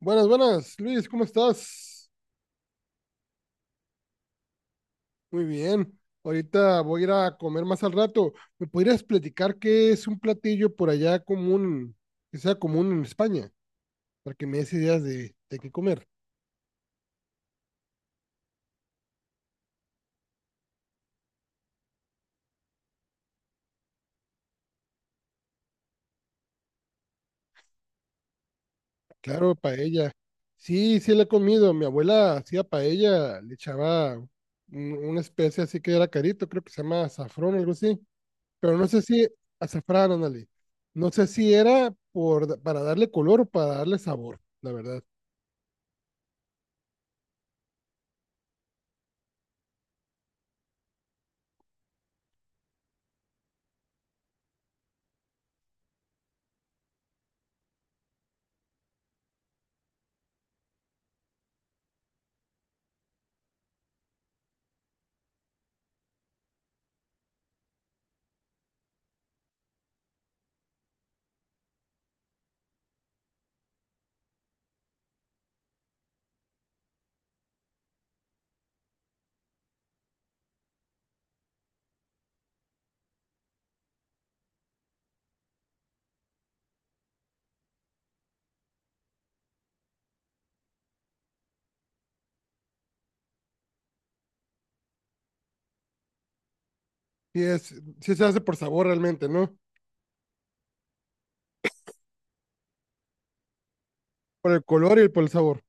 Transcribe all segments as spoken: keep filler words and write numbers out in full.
Buenas, buenas, Luis, ¿cómo estás? Muy bien. Ahorita voy a ir a comer más al rato. ¿Me podrías platicar qué es un platillo por allá común, que sea común en España, para que me des ideas de, de qué comer? Claro, paella. Sí, sí la he comido. Mi abuela hacía paella, le echaba un- una especie así que era carito, creo que se llama azafrón, algo así. Pero no sé si, azafrán, ándale. No sé si era por, para darle color o para darle sabor, la verdad. Sí, es, sí se hace por sabor realmente, ¿no? Por el color y por el sabor.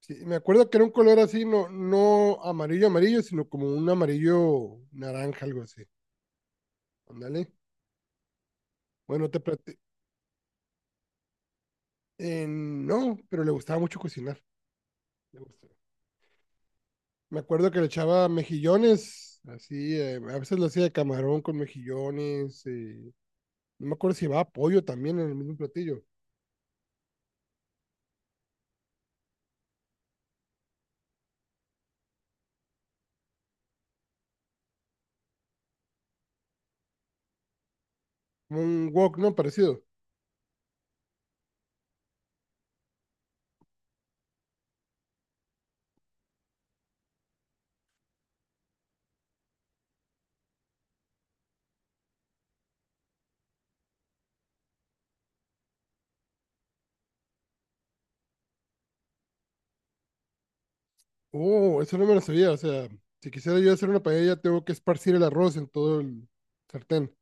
Sí, me acuerdo que era un color así, no, no amarillo, amarillo, sino como un amarillo naranja, algo así. Ándale. Bueno, te plati- eh, no, pero le gustaba mucho cocinar. Le gustaba. Me acuerdo que le echaba mejillones, así, eh, a veces lo hacía de camarón con mejillones. eh, No me acuerdo si llevaba pollo también en el mismo platillo. Como un wok, ¿no? Parecido. Oh, eso no me lo sabía. O sea, si quisiera yo hacer una paella, tengo que esparcir el arroz en todo el sartén.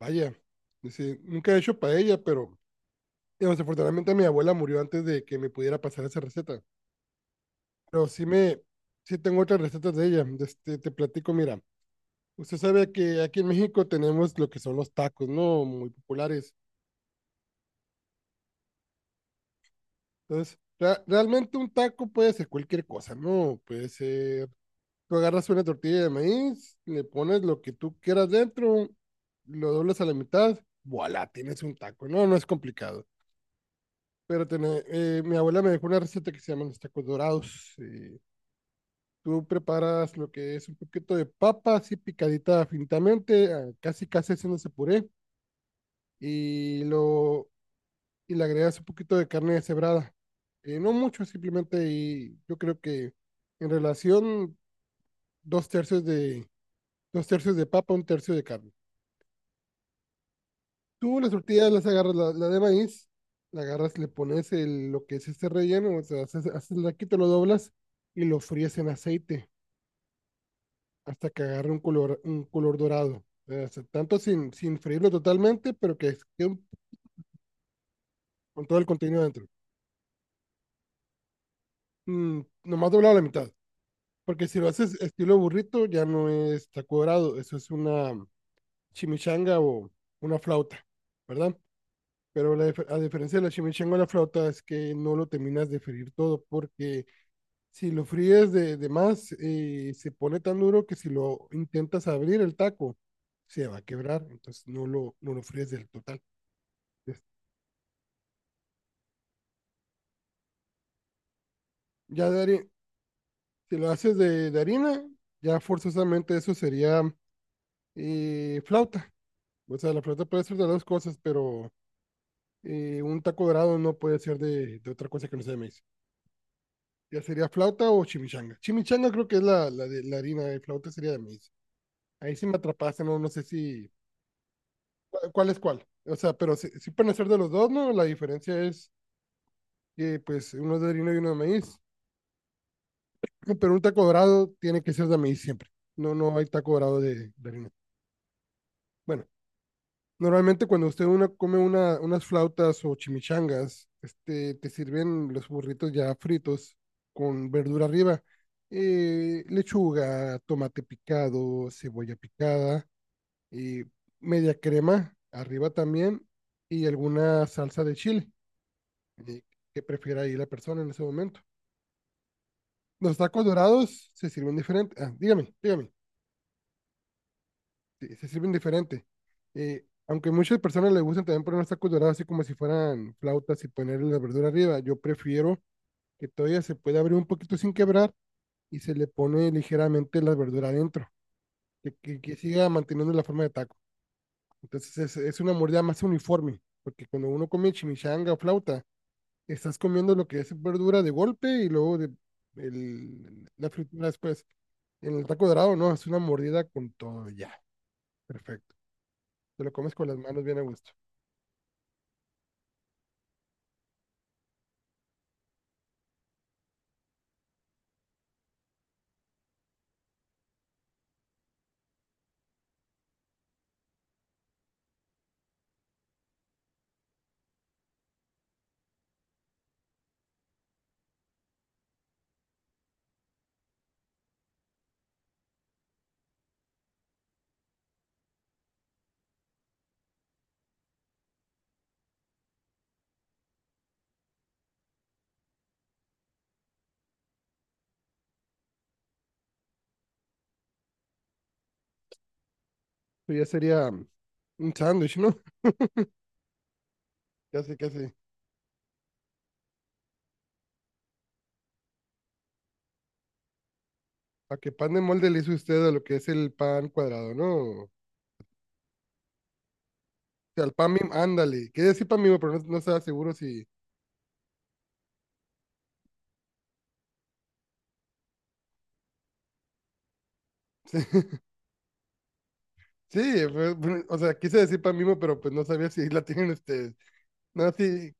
Vaya. Dice, nunca he hecho paella, pero eh, desafortunadamente mi abuela murió antes de que me pudiera pasar esa receta. Pero sí me, sí tengo otras recetas de ella. De Este, te platico, mira. Usted sabe que aquí en México tenemos lo que son los tacos, ¿no? Muy populares. Entonces, ra- realmente un taco puede ser cualquier cosa, ¿no? Puede ser Tú agarras una tortilla de maíz, le pones lo que tú quieras dentro, lo doblas a la mitad, voilà, tienes un taco. No, no es complicado. Pero tené- eh, mi abuela me dejó una receta que se llaman los tacos dorados. Eh, tú preparas lo que es un poquito de papa, así picadita finitamente, ah, casi casi haciéndose puré, y, lo, y le agregas un poquito de carne deshebrada. Eh, no mucho, simplemente, y yo creo que en relación, dos tercios de, dos tercios de papa, un tercio de carne. Tú las tortillas las agarras, la, la de maíz, la agarras, le pones el, lo que es este relleno, o sea, haces, haces el raquito, lo doblas y lo fríes en aceite hasta que agarre un color, un color dorado. O sea, tanto sin, sin freírlo totalmente, pero que quede un- con todo el contenido dentro. Mm, nomás doblado a la mitad. Porque si lo haces estilo burrito, ya no es taco dorado, eso es una chimichanga o una flauta, ¿verdad? Pero la dif- a diferencia de la chimichanga o la flauta es que no lo terminas de freír todo porque si lo fríes de, de más, eh, se pone tan duro que si lo intentas abrir el taco, se va a quebrar. Entonces no lo, no lo fríes del total. Entonces, ya de hari- si lo haces de, de harina, ya forzosamente eso sería eh, flauta. O sea, la flauta puede ser de dos cosas, pero eh, un taco dorado no puede ser de, de otra cosa que no sea de maíz. Ya sería flauta o chimichanga. Chimichanga creo que es la, la de la harina, de flauta sería de maíz. Ahí sí me atrapaste, no, no sé si ¿cuál es cuál? O sea, pero sí, sí pueden ser de los dos, ¿no? La diferencia es que, pues, uno es de harina y uno de maíz. Pero un taco dorado tiene que ser de maíz siempre. No, no hay taco dorado de, de harina. Bueno, normalmente cuando usted una, come una, unas flautas o chimichangas, este, te sirven los burritos ya fritos con verdura arriba. Eh, lechuga, tomate picado, cebolla picada, y media crema arriba también y alguna salsa de chile. De Qué prefiera ahí la persona en ese momento. Los tacos dorados se sirven diferente. Ah, dígame, dígame. Sí, se sirven diferente. Eh, aunque muchas personas les gustan también poner los tacos dorados así como si fueran flautas y poner la verdura arriba, yo prefiero que todavía se pueda abrir un poquito sin quebrar y se le pone ligeramente la verdura adentro, que, que, que siga manteniendo la forma de taco. Entonces es, es una mordida más uniforme, porque cuando uno come chimichanga o flauta, estás comiendo lo que es verdura de golpe y luego de, el- la fritura después. En el taco dorado, no, es una mordida con todo, ya, perfecto. Te lo comes con las manos bien a gusto. Eso ya sería mm, un sándwich, ¿no? Casi, casi. ¿A qué pan de molde le hizo usted a lo que es el pan cuadrado, no? O sea, el pan mimo, ándale. Quería decir pan mimo, pero no, no estaba seguro si... Sí, pues, pues, o sea, quise decir pan mimo, pero pues no sabía si la tienen ustedes. No, sí,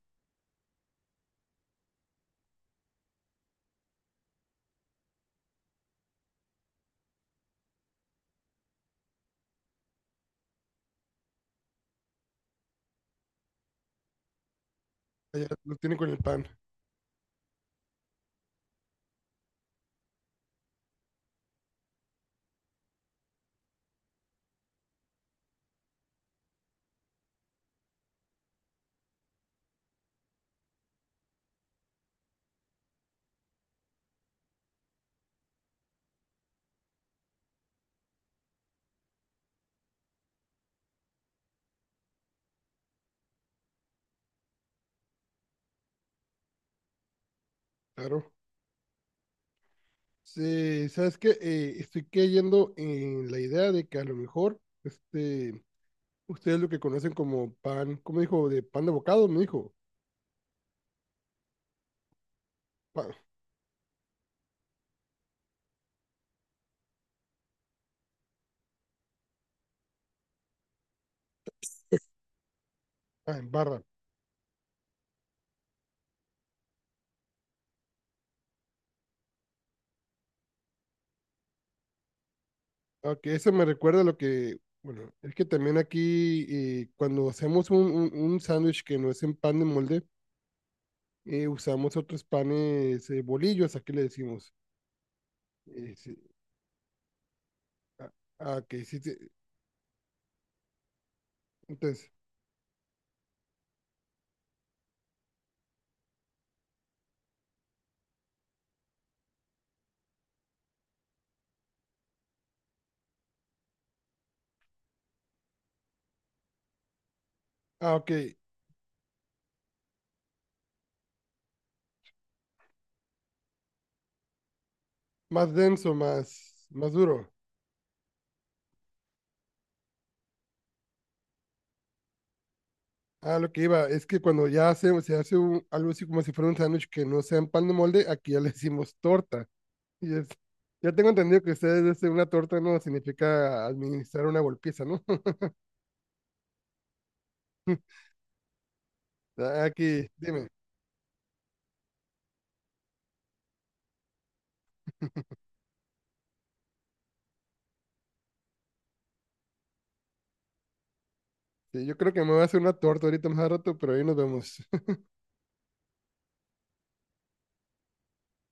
allá lo tienen con el pan, claro. Sí, sabes que estoy cayendo en la idea de que a lo mejor este, ustedes lo que conocen como pan, ¿cómo dijo? De pan de bocado, me dijo. Pan, ah, en barra. Ah, ok, eso me recuerda a lo que, bueno, es que también aquí eh, cuando hacemos un, un, un sándwich que no es en pan de molde, eh, usamos otros panes, eh, bolillos, aquí le decimos. Eh, sí, ah, ah, ok, sí, sí, entonces, ah, ok, más denso, más, más duro. Ah, lo que iba, es que cuando ya hace, se hace un- algo así como si fuera un sándwich que no sea en pan de molde, aquí ya le decimos torta. Y es, ya tengo entendido que ustedes dicen una torta no significa administrar una golpiza, ¿no? Ah, aquí, dime, sí, yo creo que me voy a hacer una torta ahorita más a rato, pero ahí nos vemos.